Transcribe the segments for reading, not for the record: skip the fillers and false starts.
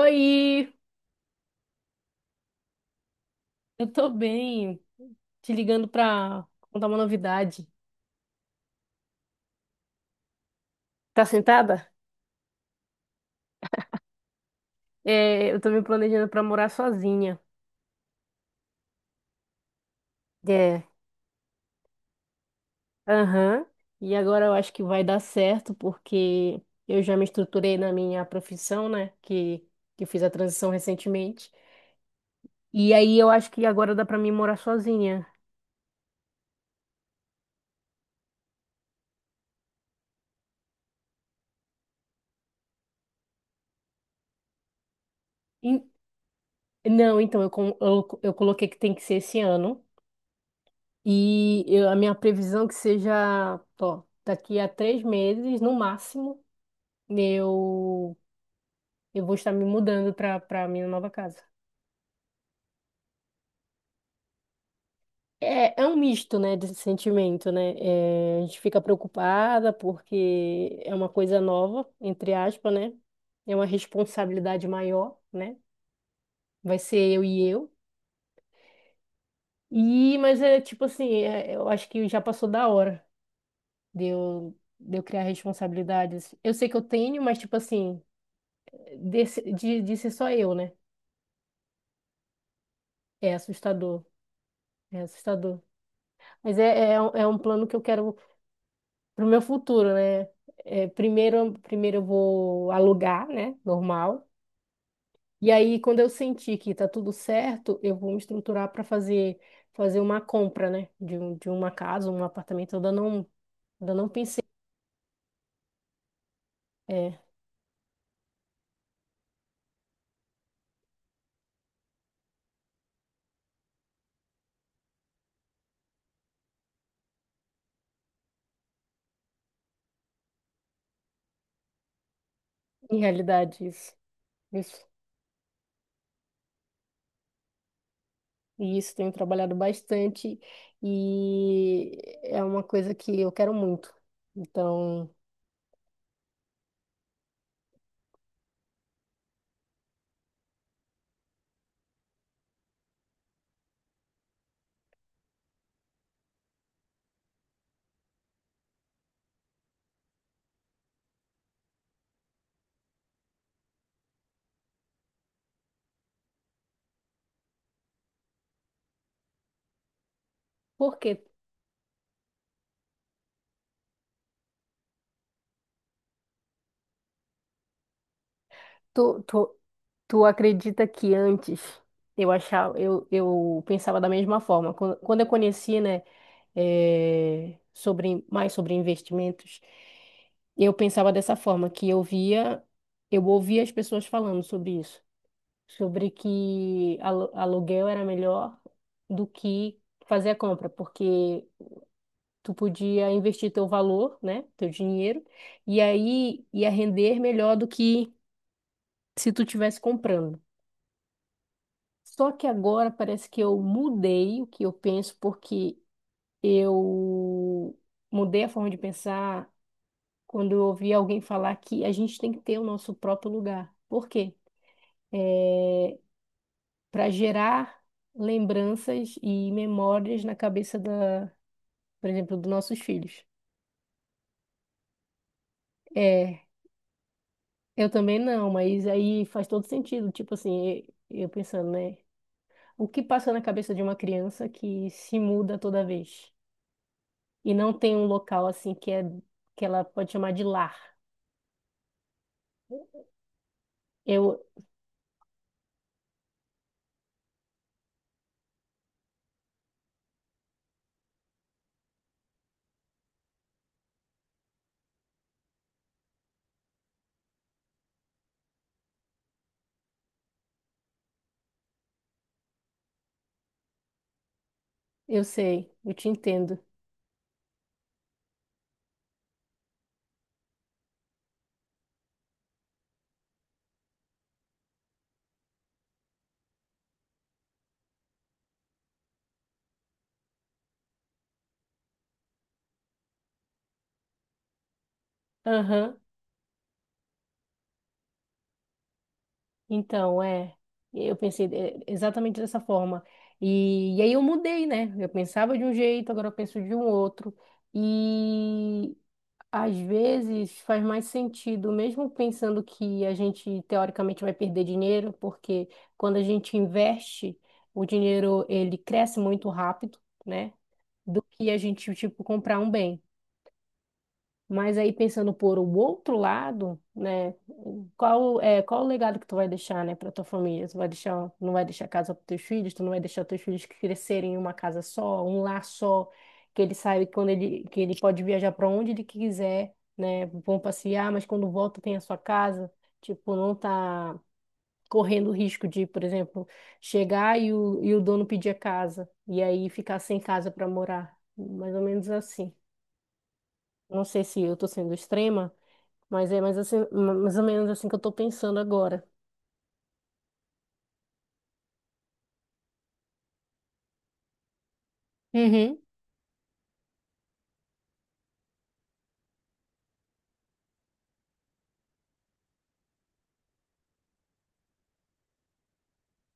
Oi, eu tô bem. Te ligando pra contar uma novidade. Tá sentada? É, Eu tô me planejando pra morar sozinha. É, aham. E agora eu acho que vai dar certo, porque eu já me estruturei na minha profissão, né? Que eu fiz a transição recentemente. E aí eu acho que agora dá pra mim morar sozinha. E- não, então, eu coloquei que tem que ser esse ano. A minha previsão é que seja, ó, daqui a três meses, no máximo. eu, eu vou estar me mudando para minha nova casa. É, é um misto, né, desse sentimento, né? É, a gente fica preocupada porque é uma coisa nova, entre aspas, né? É uma responsabilidade maior, né? Vai ser eu. E, mas é tipo assim, eu acho que já passou da hora de eu criar responsabilidades. Eu sei que eu tenho, mas tipo assim, de ser só eu, né? É assustador, é assustador. Mas é um plano que eu quero pro meu futuro, né? É, primeiro, primeiro eu vou alugar, né? Normal. E aí, quando eu sentir que tá tudo certo, eu vou me estruturar para fazer uma compra, né? De uma casa, um apartamento. Eu ainda não pensei, é, em realidade isso. Isso. E isso tenho trabalhado bastante e é uma coisa que eu quero muito. Então, porque quê? Tu, tu, Tu acredita que antes eu achava, eu pensava da mesma forma. Quando eu conheci, né, sobre, mais sobre investimentos, eu pensava dessa forma, que eu via, eu ouvia as pessoas falando sobre isso, sobre que aluguel era melhor do que fazer a compra, porque tu podia investir teu valor, né, teu dinheiro, e aí ia render melhor do que se tu tivesse comprando. Só que agora parece que eu mudei o que eu penso, porque eu mudei a forma de pensar quando eu ouvi alguém falar que a gente tem que ter o nosso próprio lugar. Por quê? É, para gerar lembranças e memórias na cabeça da, por exemplo, dos nossos filhos. É, eu também não, mas aí faz todo sentido. Tipo assim, eu pensando, né? O que passa na cabeça de uma criança que se muda toda vez? E não tem um local assim que ela pode chamar de lar. Eu eu sei, eu te entendo. Aham. Então, é, eu pensei é, exatamente dessa forma. E aí eu mudei, né? Eu pensava de um jeito, agora eu penso de um outro. E às vezes faz mais sentido, mesmo pensando que a gente teoricamente vai perder dinheiro, porque quando a gente investe, o dinheiro ele cresce muito rápido, né? Do que a gente, tipo, comprar um bem. Mas aí pensando por o outro lado, né, qual o legado que tu vai deixar, né, para tua família? Tu vai deixar, não vai deixar casa para teus filhos, tu não vai deixar teus filhos crescerem em uma casa só, um lar só, que ele saiba que ele pode viajar para onde ele quiser, né, vão passear, mas quando volta tem a sua casa, tipo, não tá correndo o risco de, por exemplo, chegar e o dono pedir a casa e aí ficar sem casa para morar, mais ou menos assim. Não sei se eu tô sendo extrema, mas é mais, assim, mais ou menos assim que eu tô pensando agora. Uhum.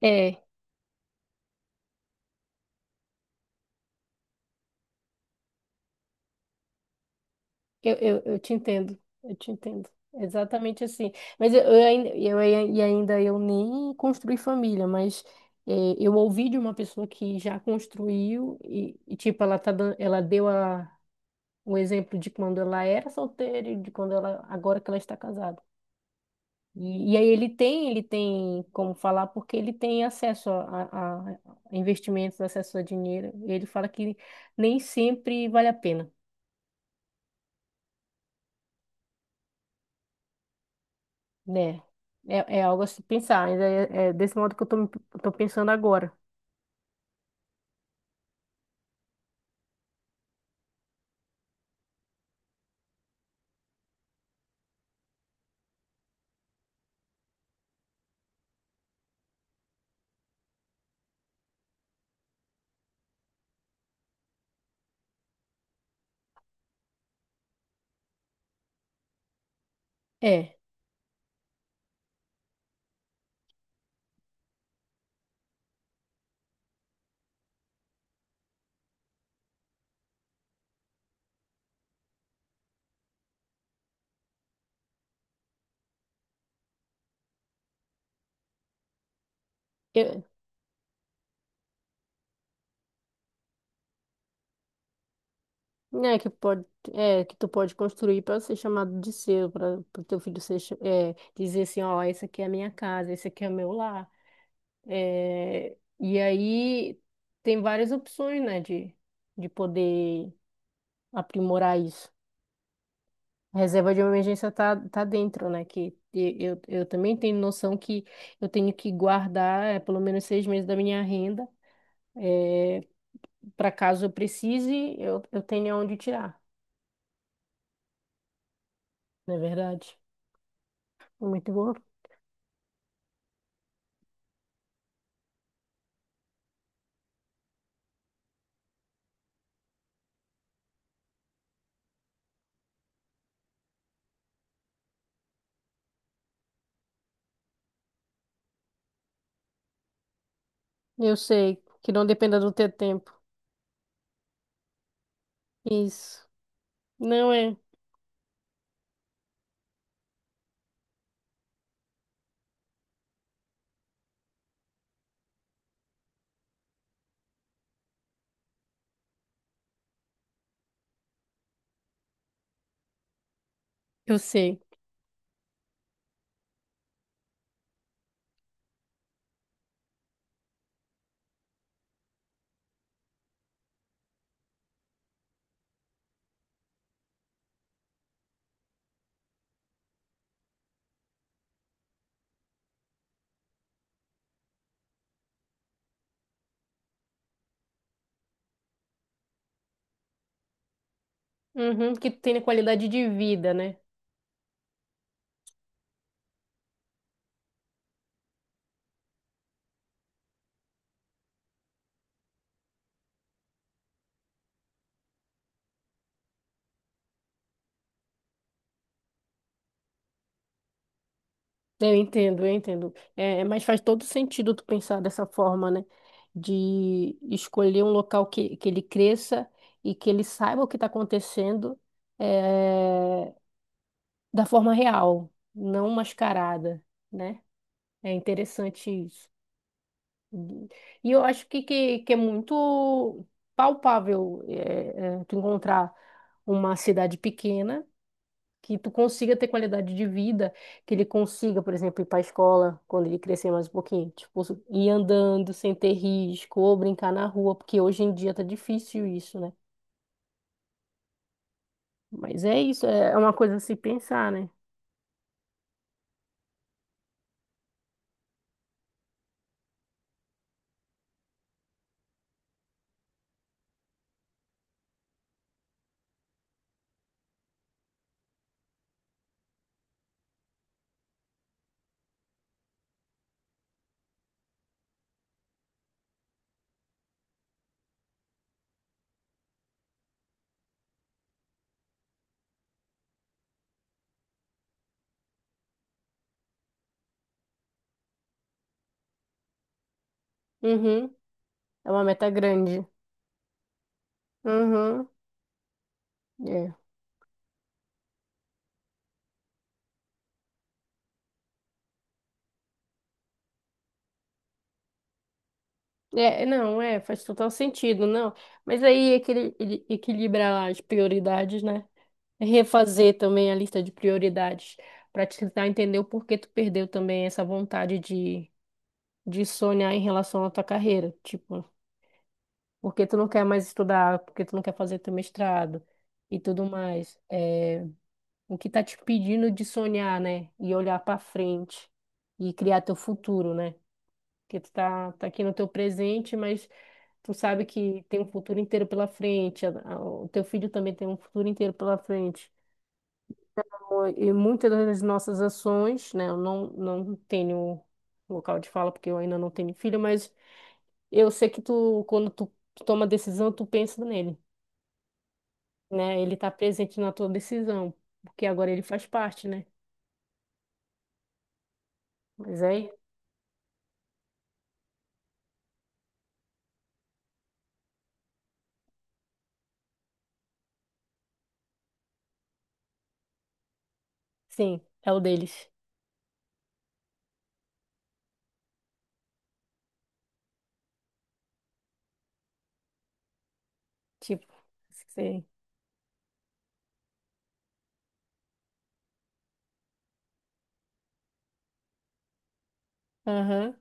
É, eu te entendo, eu te entendo. Exatamente assim. Mas eu, ainda, eu ai- e ainda eu nem construí família, mas é, eu ouvi de uma pessoa que já construiu e tipo, ela tá dando, ela deu o exemplo de quando ela era solteira e de quando ela, agora que ela está casada. E aí ele tem como falar porque ele tem acesso a investimentos, acesso a dinheiro. E ele fala que nem sempre vale a pena, né? É, é algo a se pensar. Ainda é, é desse modo que eu tô pensando agora. É, eu, né, que pode, é, que tu pode construir para ser chamado de seu, para o teu filho é, dizer assim, ó, essa aqui é a minha casa, esse aqui é o meu lar. É, e aí tem várias opções, né, de poder aprimorar isso. A reserva de emergência tá dentro, né? Eu também tenho noção que eu tenho que guardar pelo menos seis meses da minha renda, é, para caso eu precise, eu tenha onde tirar, não é verdade? Muito bom. Eu sei que não dependa do teu tempo. Isso. Não é. Eu sei. Uhum, que tu tenha qualidade de vida, né? Eu entendo, eu entendo. É, mas faz todo sentido tu pensar dessa forma, né? De escolher um local que ele cresça e que ele saiba o que está acontecendo é, da forma real, não mascarada, né? É interessante isso. Uhum. E eu acho que é muito palpável tu encontrar uma cidade pequena que tu consiga ter qualidade de vida, que ele consiga, por exemplo, ir para a escola quando ele crescer mais um pouquinho, tipo, ir andando sem ter risco, ou brincar na rua, porque hoje em dia tá difícil isso, né? Mas é isso, é uma coisa a se pensar, né? Uhum, é uma meta grande. Uhum, é. É, é, não, é, faz total sentido, não. Mas aí equilibrar as prioridades, né? Refazer também a lista de prioridades para te tentar entender o porquê tu perdeu também essa vontade de sonhar em relação à tua carreira, tipo, porque tu não quer mais estudar, porque tu não quer fazer teu mestrado e tudo mais. É, o que tá te pedindo de sonhar, né? E olhar pra frente e criar teu futuro, né? Porque tu tá aqui no teu presente, mas tu sabe que tem um futuro inteiro pela frente, o teu filho também tem um futuro inteiro pela frente. Então, e muitas das nossas ações, né? Eu não, não tenho local de fala porque eu ainda não tenho filho, mas eu sei que tu, quando tu toma decisão, tu pensa nele, né? Ele tá presente na tua decisão, porque agora ele faz parte, né? Mas aí, sim, é o deles. Tipo, sim. Aham.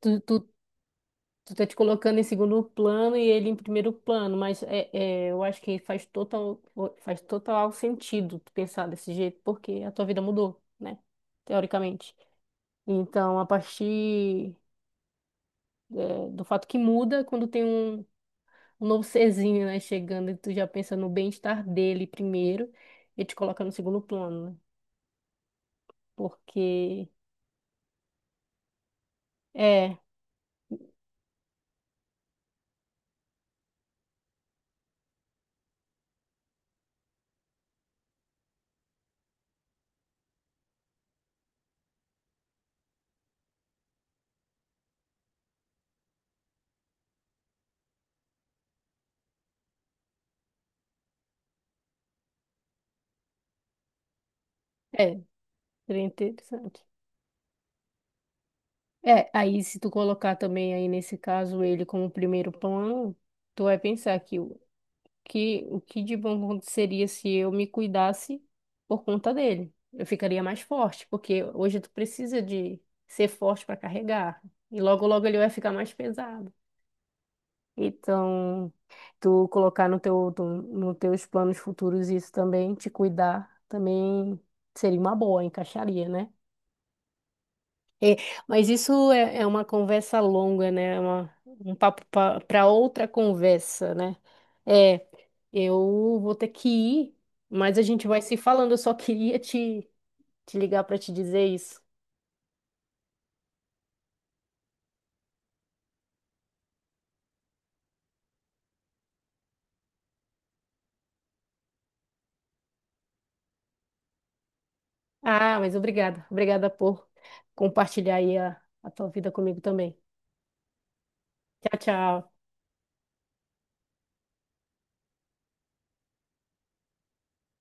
Tu, tu, tu tá te colocando em segundo plano e ele em primeiro plano, mas eu acho que faz total sentido tu pensar desse jeito, porque a tua vida mudou, né? Teoricamente. Então, a partir, do fato que muda quando tem um novo serzinho, né, chegando e tu já pensa no bem-estar dele primeiro e te coloca no segundo plano, né? Porque é, é, seria interessante. É, aí se tu colocar também aí nesse caso ele como primeiro plano, tu vai pensar que o que de bom aconteceria se eu me cuidasse por conta dele. Eu ficaria mais forte, porque hoje tu precisa de ser forte para carregar. E logo logo ele vai ficar mais pesado. Então, tu colocar no teu, no teus planos futuros isso também, te cuidar também seria uma boa, encaixaria, né? É, mas isso é uma conversa longa, né? É um papo para outra conversa, né? É, eu vou ter que ir, mas a gente vai se falando. Eu só queria te ligar para te dizer isso. Ah, mas obrigada. Obrigada por compartilhar aí a tua vida comigo também. Tchau, tchau.